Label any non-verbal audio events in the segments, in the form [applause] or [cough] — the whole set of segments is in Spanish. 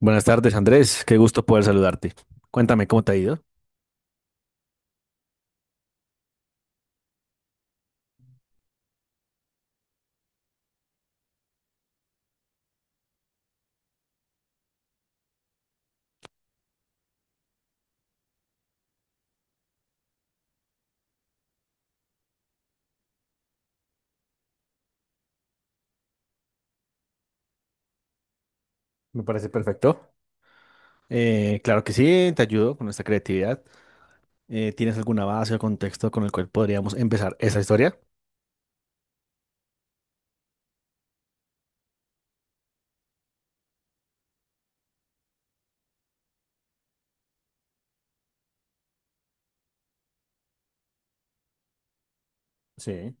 Buenas tardes, Andrés. Qué gusto poder saludarte. Cuéntame cómo te ha ido. Me parece perfecto. Claro que sí, te ayudo con esta creatividad. ¿tienes alguna base o contexto con el cual podríamos empezar esa historia? Sí.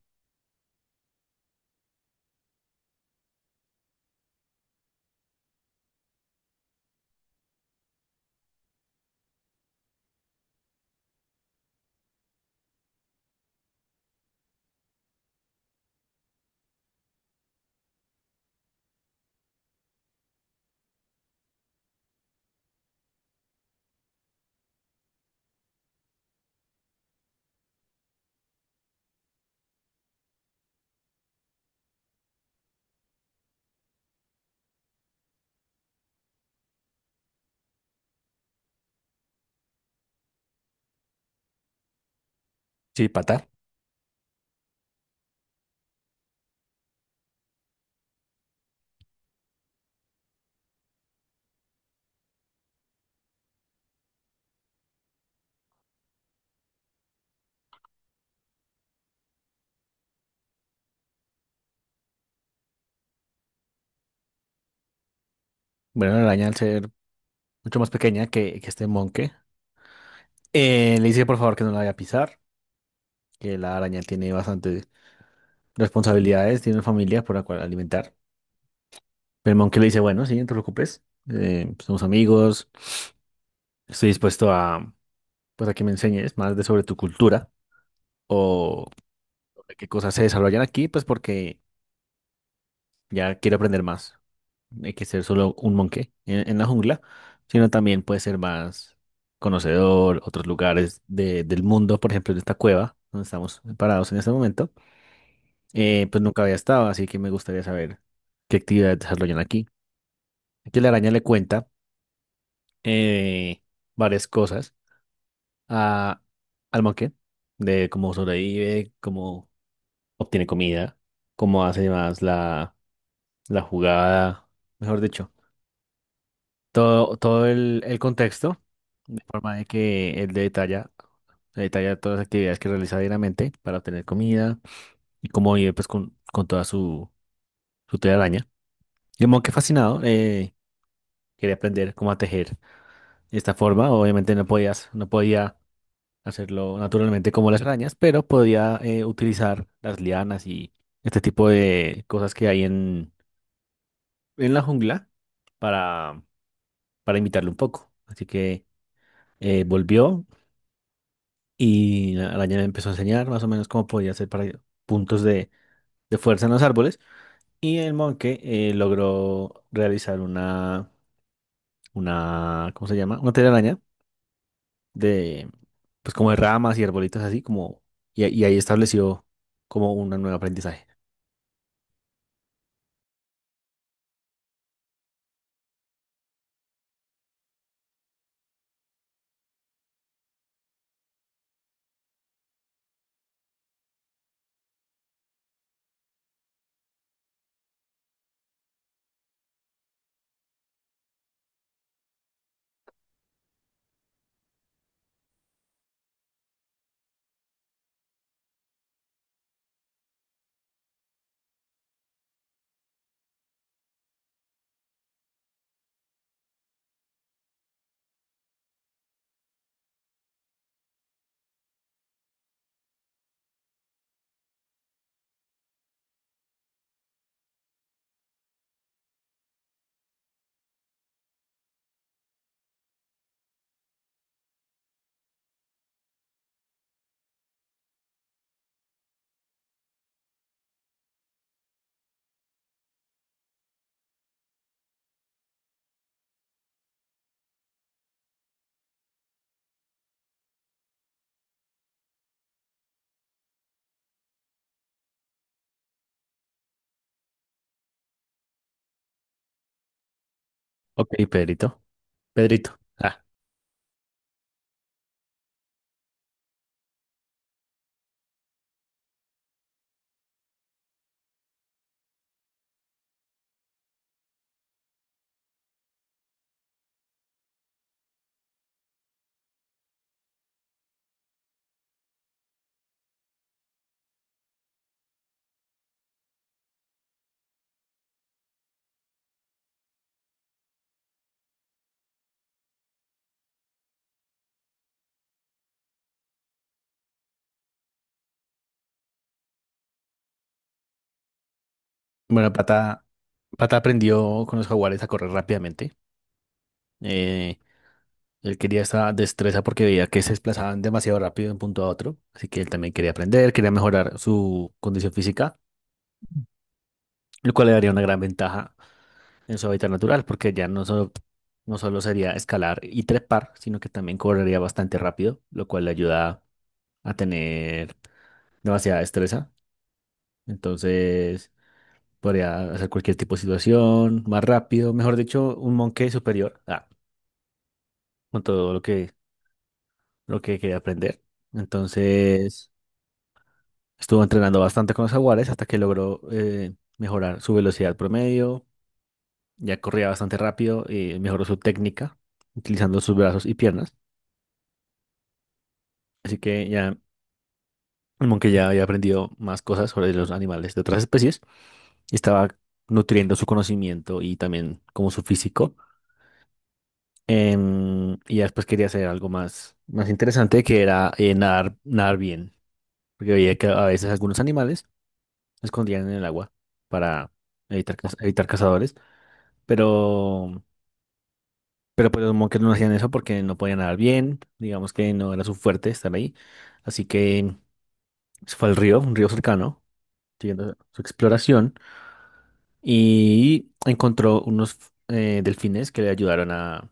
Sí, pata. Bueno, la araña, al ser mucho más pequeña que este monje, le dice por favor que no la vaya a pisar, que la araña tiene bastantes responsabilidades, tiene una familia por la cual alimentar. Pero el monje le dice, bueno, sí, no te preocupes, somos amigos, estoy dispuesto a, pues, a que me enseñes más de sobre tu cultura, o de qué cosas se desarrollan aquí, pues porque ya quiero aprender más. No hay que ser solo un monje en la jungla, sino también puede ser más conocedor, otros lugares del mundo. Por ejemplo, en esta cueva donde estamos parados en este momento, pues nunca había estado, así que me gustaría saber qué actividades desarrollan aquí. Aquí la araña le cuenta eh, varias cosas a, al monje, de cómo sobrevive, cómo obtiene comida, cómo hace más la jugada, mejor dicho, todo el contexto, de forma de que él detalla, detalla todas las actividades que realiza diariamente para obtener comida y cómo vive, pues con toda su, su telaraña. Y como que fascinado, quería aprender cómo a tejer de esta forma. Obviamente no podía hacerlo naturalmente como las arañas, pero podía, utilizar las lianas y este tipo de cosas que hay en la jungla para, para imitarlo un poco. Así que volvió y la araña le empezó a enseñar más o menos cómo podía hacer para puntos de fuerza en los árboles. Y el monje logró realizar una, ¿cómo se llama? Una telaraña de, pues como de ramas y arbolitos así, como, y ahí estableció como un nuevo aprendizaje. Ok, Pedrito. Pedrito. Ah, bueno, Pata, Pata aprendió con los jaguares a correr rápidamente. Eh, Él quería esa destreza porque veía que se desplazaban demasiado rápido de un punto a otro, así que él también quería aprender, quería mejorar su condición física, lo cual le daría una gran ventaja en su hábitat natural, porque ya no solo sería escalar y trepar, sino que también correría bastante rápido, lo cual le ayuda a tener demasiada destreza. Entonces, podría hacer cualquier tipo de situación más rápido, mejor dicho, un monje superior, ah, con todo lo que quería aprender. Entonces... estuvo entrenando bastante con los jaguares hasta que logró, mejorar su velocidad promedio, ya corría bastante rápido y mejoró su técnica utilizando sus brazos y piernas. Así que ya el monkey ya había aprendido más cosas sobre los animales de otras especies y estaba nutriendo su conocimiento y también como su físico. Y ya después quería hacer algo más, más interesante, que era nadar, nadar bien, porque veía que a veces algunos animales se escondían en el agua para evitar, evitar cazadores. pero, pero pues los Monkers no hacían eso porque no podían nadar bien, digamos que no era su fuerte estar ahí, así que se fue al río, un río cercano, siguiendo su exploración, y encontró unos, delfines que le ayudaron a,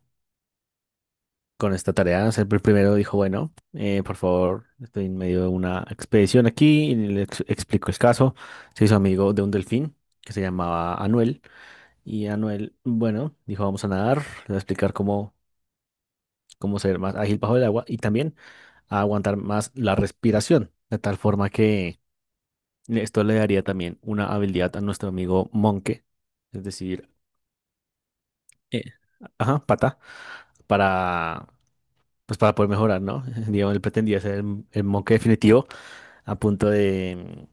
con esta tarea. O sea, el primero dijo, bueno, por favor, estoy en medio de una expedición aquí, y le explicó el caso, se hizo amigo de un delfín que se llamaba Anuel, y Anuel, bueno, dijo, vamos a nadar, le voy a explicar cómo, como ser más ágil bajo el agua y también a aguantar más la respiración, de tal forma que esto le daría también una habilidad a nuestro amigo Monke, es decir, eh, ajá, pata, para, pues para poder mejorar, ¿no? [laughs] Digamos, él pretendía ser el Monke definitivo a punto de,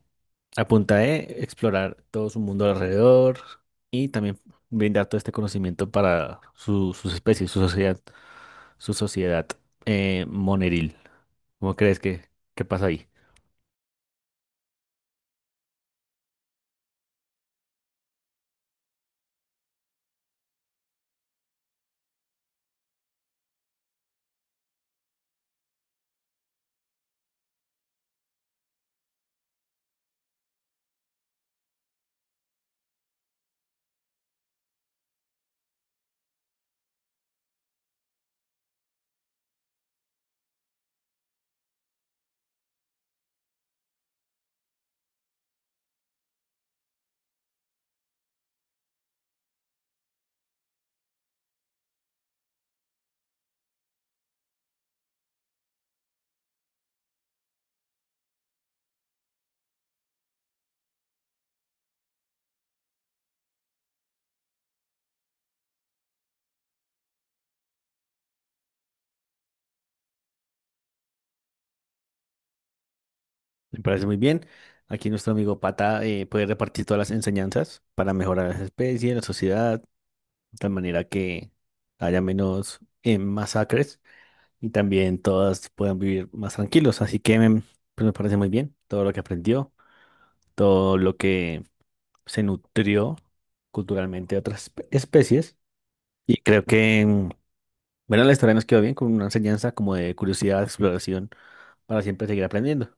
a punta de explorar todo su mundo alrededor y también brindar todo este conocimiento para sus especies, su sociedad, su sociedad, moneril. ¿Cómo crees que qué pasa ahí? Me parece muy bien. Aquí nuestro amigo Pata puede repartir todas las enseñanzas para mejorar las especies, la sociedad, de tal manera que haya menos, masacres, y también todas puedan vivir más tranquilos. Así que, pues me parece muy bien todo lo que aprendió, todo lo que se nutrió culturalmente de otras especies. Y creo que, bueno, la historia nos quedó bien con una enseñanza como de curiosidad, exploración, para siempre seguir aprendiendo.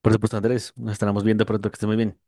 Por supuesto, Andrés, nos estaremos viendo pronto, que esté muy bien.